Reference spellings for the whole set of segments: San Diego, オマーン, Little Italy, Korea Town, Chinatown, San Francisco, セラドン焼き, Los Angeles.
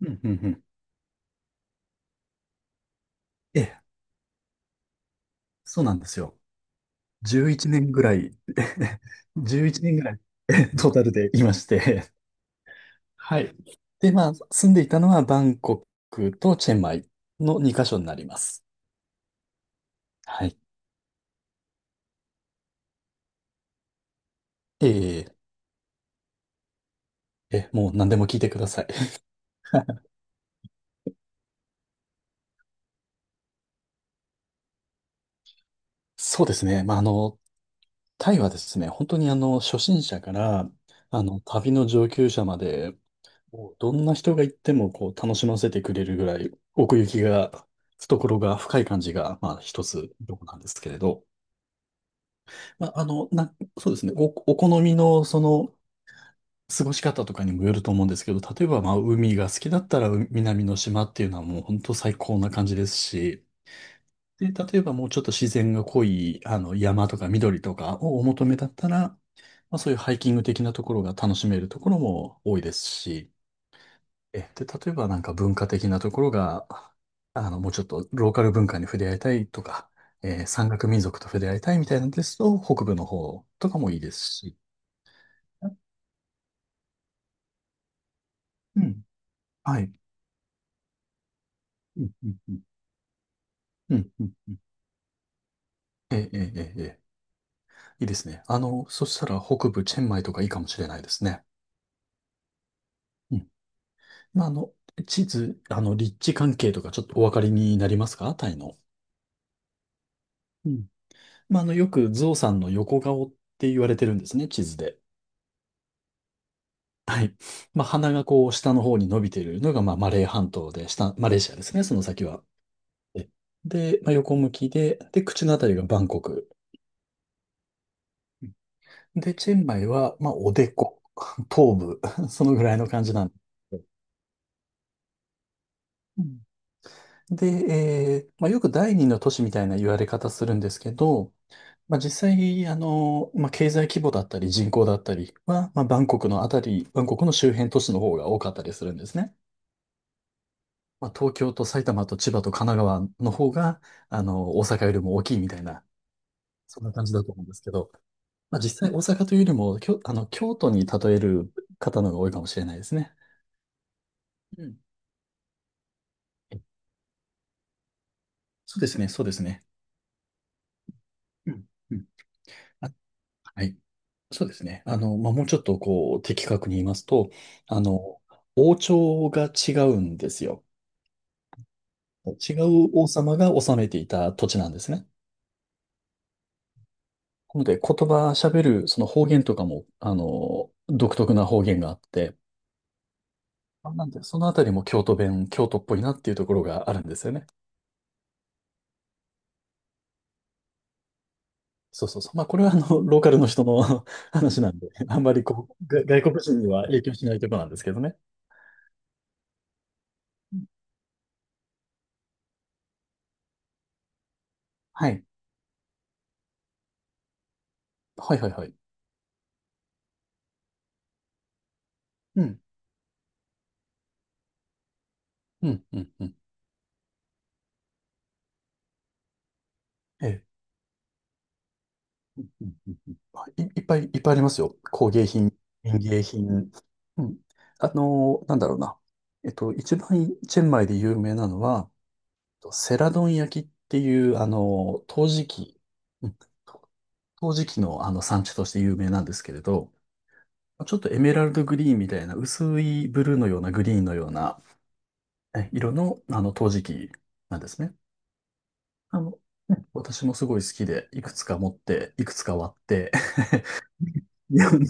うんうんうんええ、そうなんですよ。11年ぐらい、11年ぐらい、トータルでいまして。はい。で、まあ、住んでいたのはバンコクとチェンマイの2カ所になります。はい。ええ、え、もう何でも聞いてください。そうですね。まあ、タイはですね、本当に初心者から、あの、旅の上級者まで、もうどんな人が行ってもこう楽しませてくれるぐらい奥行きが、懐が深い感じが、まあ一つどこなんですけれど、まあ、そうですね、お好みのその過ごし方とかにもよると思うんですけど、例えばまあ海が好きだったら南の島っていうのはもう本当最高な感じですし、で、例えばもうちょっと自然が濃いあの山とか緑とかをお求めだったら、まあそういうハイキング的なところが楽しめるところも多いですし、で、例えばなんか文化的なところが、あの、もうちょっとローカル文化に触れ合いたいとか、山岳民族と触れ合いたいみたいなんですと、北部の方とかもいいですし。うん。はい。うん、うん、うん。うん、うん、うん。ええ、ええ、ええ。ええ、いいですね。あの、そしたら北部チェンマイとかいいかもしれないですね。うん。まあ、地図、あの、立地関係とかちょっとお分かりになりますか、タイの。うん。まあ、あの、よくゾウさんの横顔って言われてるんですね、地図で。はい。まあ、鼻がこう、下の方に伸びているのが、まあ、マレー半島で、下、マレーシアですね、その先は。えで、まあ、横向きで、口のあたりがバンコク。で、チェンマイは、まあ、おでこ、頭部、そのぐらいの感じなんですけど。うんで、まあ、よく第二の都市みたいな言われ方するんですけど、まあ、実際、まあ、経済規模だったり人口だったりは、まあ、バンコクの周辺都市の方が多かったりするんですね。まあ、東京と埼玉と千葉と神奈川の方が、あの、大阪よりも大きいみたいな、そんな感じだと思うんですけど、まあ、実際大阪というよりも、きょ、あの、京都に例える方の方が多いかもしれないですね。うん。えそうですね、そうですね。うん。うん。あ、はい。そうですね。あの、まあ、もうちょっとこう、的確に言いますと、あの、王朝が違うんですよ。違う王様が治めていた土地なんですね。なので、言葉喋る、その方言とかも、あの、独特な方言があって、なんで、そのあたりも京都っぽいなっていうところがあるんですよね。そうそうそう。まあ、これはあの、ローカルの人の 話なんで、あんまり外国人には影響しないところなんですけどね。うんはい。はいはいはい。うん。うん、うん、うん。ええ。いっぱい、いっぱいありますよ。工芸品、園芸品。うん。なんだろうな。えっと、一番チェンマイで有名なのは、セラドン焼きっていう、陶磁器。陶磁器のあの産地として有名なんですけれど、ちょっとエメラルドグリーンみたいな薄いブルーのようなグリーンのような色のあの陶磁器なんですね。あの、ね、私もすごい好きで、いくつか持って、いくつか割って、日本に、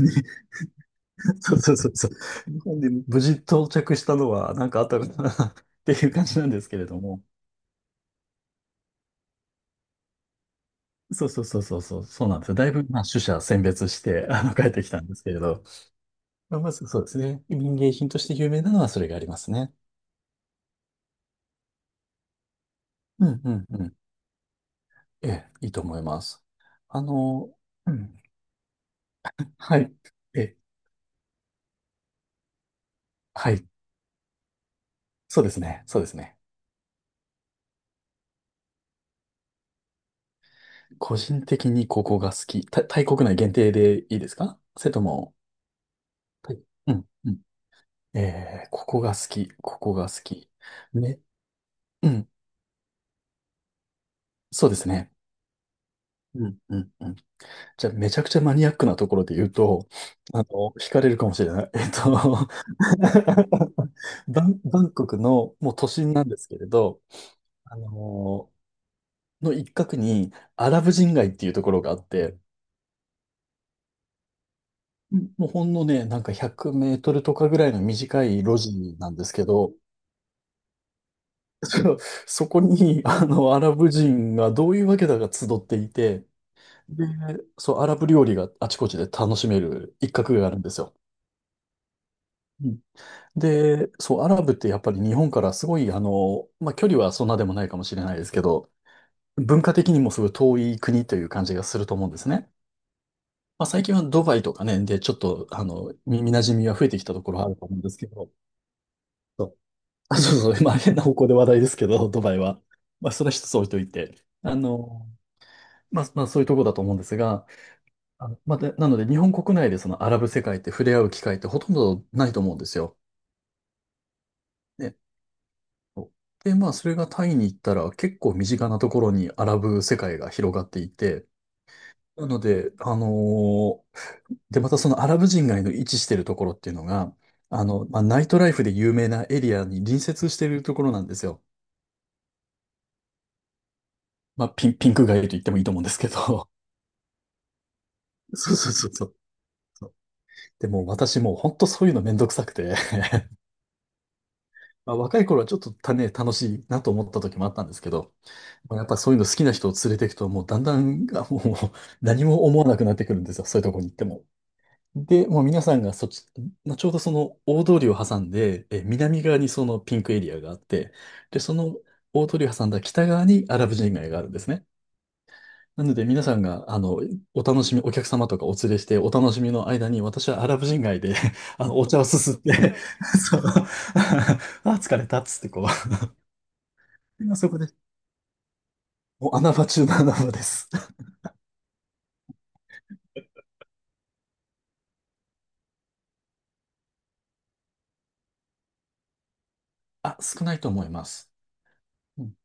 そうそうそうそう、日本に無事到着したのはなんかあったのかな っていう感じなんですけれども。そうそうそうそうそう、そうなんですよ。だいぶ、まあ、取捨選別して、あの、帰ってきたんですけれど。まあまずそうですね。民芸品として有名なのはそれがありますね。うんうんうん。ええ、いいと思います。あの、うん、はい。え、はい。そうですね。そうですね。個人的にここが好き。タイ国内限定でいいですか、それとも、はい、うん、うん。えー、ここが好き。ここが好き。ね。うん。そうですね。うん、うん、うん。じゃあ、めちゃくちゃマニアックなところで言うと、あの、惹かれるかもしれない。えっと バンコクの、もう都心なんですけれど、あのの一角にアラブ人街っていうところがあって、うん。もうほんのね、なんか100メートルとかぐらいの短い路地なんですけど、そ そこに、あの、アラブ人がどういうわけだか集っていて、で、そう、アラブ料理があちこちで楽しめる一角があるんですよ。うんで、そう、アラブってやっぱり日本からすごい、あの、まあ、距離はそんなでもないかもしれないですけど、文化的にもすごい遠い国という感じがすると思うんですね。まあ、最近はドバイとかね、で、ちょっと、あの、耳馴染みは増えてきたところはあると思うんですけど、そう、あそうそう、まあ、変な方向で話題ですけど、ドバイは。まあ、それは一つ置いといて、あの、まあ、そういうところだと思うんですが、あの、まあ、で、なので、日本国内でそのアラブ世界って触れ合う機会ってほとんどないと思うんですよ。ね。そう、で、まあ、それがタイに行ったら、結構身近なところにアラブ世界が広がっていて、なので、あのーで、またそのアラブ人街の位置してるところっていうのが、あの、まあ、ナイトライフで有名なエリアに隣接しているところなんですよ。まあ、ピンク街と言ってもいいと思うんですけど。そうそうそうそう。そうでもう私もう本当そういうのめんどくさくて。 まあ、若い頃はちょっとたね、楽しいなと思った時もあったんですけど、まあやっぱそういうの好きな人を連れていくと、もうだんだん、あもう何も思わなくなってくるんですよ、そういうところに行っても。で、もう皆さんがそっち、まあちょうどその大通りを挟んで、え、南側にそのピンクエリアがあって、で、その大通りを挟んだ北側にアラブ人街があるんですね。なので皆さんが、あの、お楽しみ、お客様とかお連れしてお楽しみの間に、私はアラブ人街で あの、お茶をすすって そう、あ、疲れたっつってこう、今そこで、もう穴場中の穴場です。あ、少ないと思います。うん、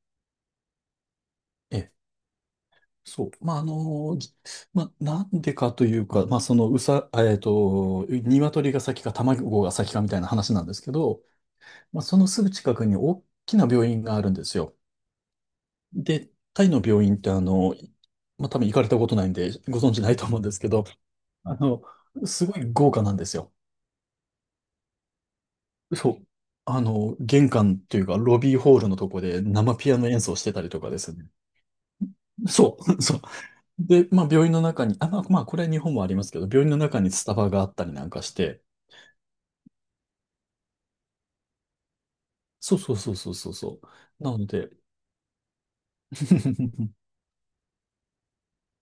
ええ、そう。まあ、まあ、なんでかというか、まあ、その、うさ、えっと、鶏が先か卵が先かみたいな話なんですけど、まあ、そのすぐ近くに大きな病院があるんですよ。で、タイの病院ってまあ、多分行かれたことないんで、ご存知ないと思うんですけど、あの、すごい豪華なんですよ。そう。あの、玄関というか、ロビーホールのとこで生ピアノ演奏してたりとかですね。そう。そう。で、まあ病院の中に、まあこれは日本もありますけど、病院の中にスタバがあったりなんかして、そうそうそうそうそうそう。なので、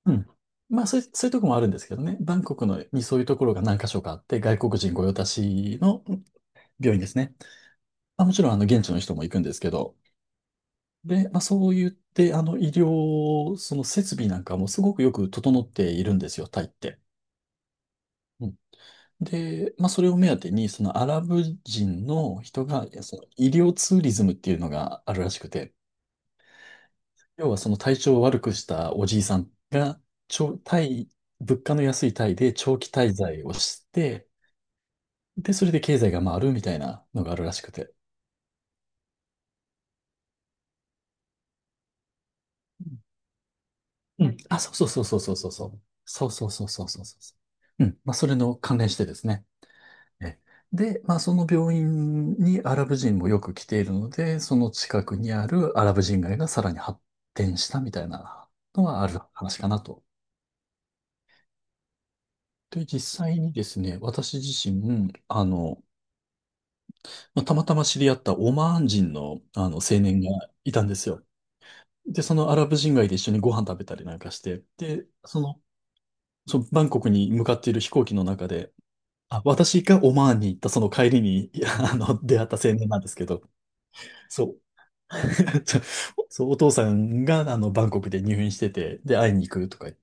うん。まあそういうとこもあるんですけどね。バンコクのにそういうところが何箇所かあって、外国人御用達の、うん、病院ですね。まあ、もちろんあの現地の人も行くんですけど、で、まあそう言って、あの医療、その設備なんかもすごくよく整っているんですよ、タイって。うん。で、まあ、それを目当てに、そのアラブ人の人が、いやその医療ツーリズムっていうのがあるらしくて、要はその体調を悪くしたおじいさんが、長タイ、物価の安いタイで長期滞在をして、で、それで経済が回るみたいなのがあるらしくて。うん。うん、あ、そうそうそうそうそうそうそう。そうそうそうそうそうそう。うん。まあ、それの関連してですね。えで、まあ、その病院にアラブ人もよく来ているので、その近くにあるアラブ人街がさらに発展したみたいなのはある話かなと。で、実際にですね、私自身、まあたまたま知り合ったオマーン人の、あの青年がいたんですよ。で、そのアラブ人街で一緒にご飯食べたりなんかして、で、その、そのバンコクに向かっている飛行機の中で、あ、私がオマーンに行ったその帰りに、出会った青年なんですけど、そう、ちょそう、お父さんが、あの、バンコクで入院してて、で、会いに行くとか言って、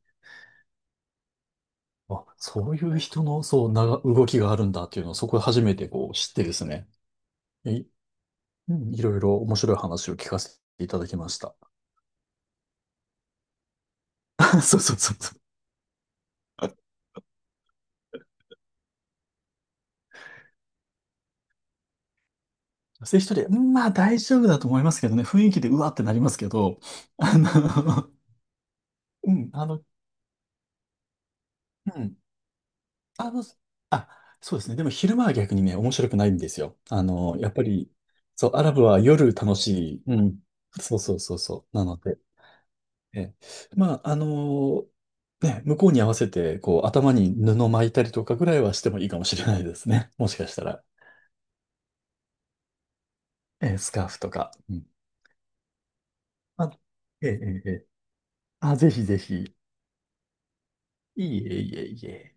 あ、そういう人の、動きがあるんだっていうのを、そこで初めてこう、知ってですね。い、うん、いろいろ面白い話を聞かせていただきました。そうそうそうそう。女性一人で、うん、まあ大丈夫だと思いますけどね、雰囲気でうわってなりますけど、あの、うん、あの、うんあの、あ、そうですね。でも昼間は逆にね、面白くないんですよ。あの、やっぱり、そう、アラブは夜楽しい。うん。そうそうそうそう。なので、え、まあ、あのね、向こうに合わせて、こう、頭に布巻いたりとかぐらいはしてもいいかもしれないですね。もしかしたら。え、スカーフとか。うん。あ、ええ、ええ。あ、ぜひぜひ。いえいえいえ。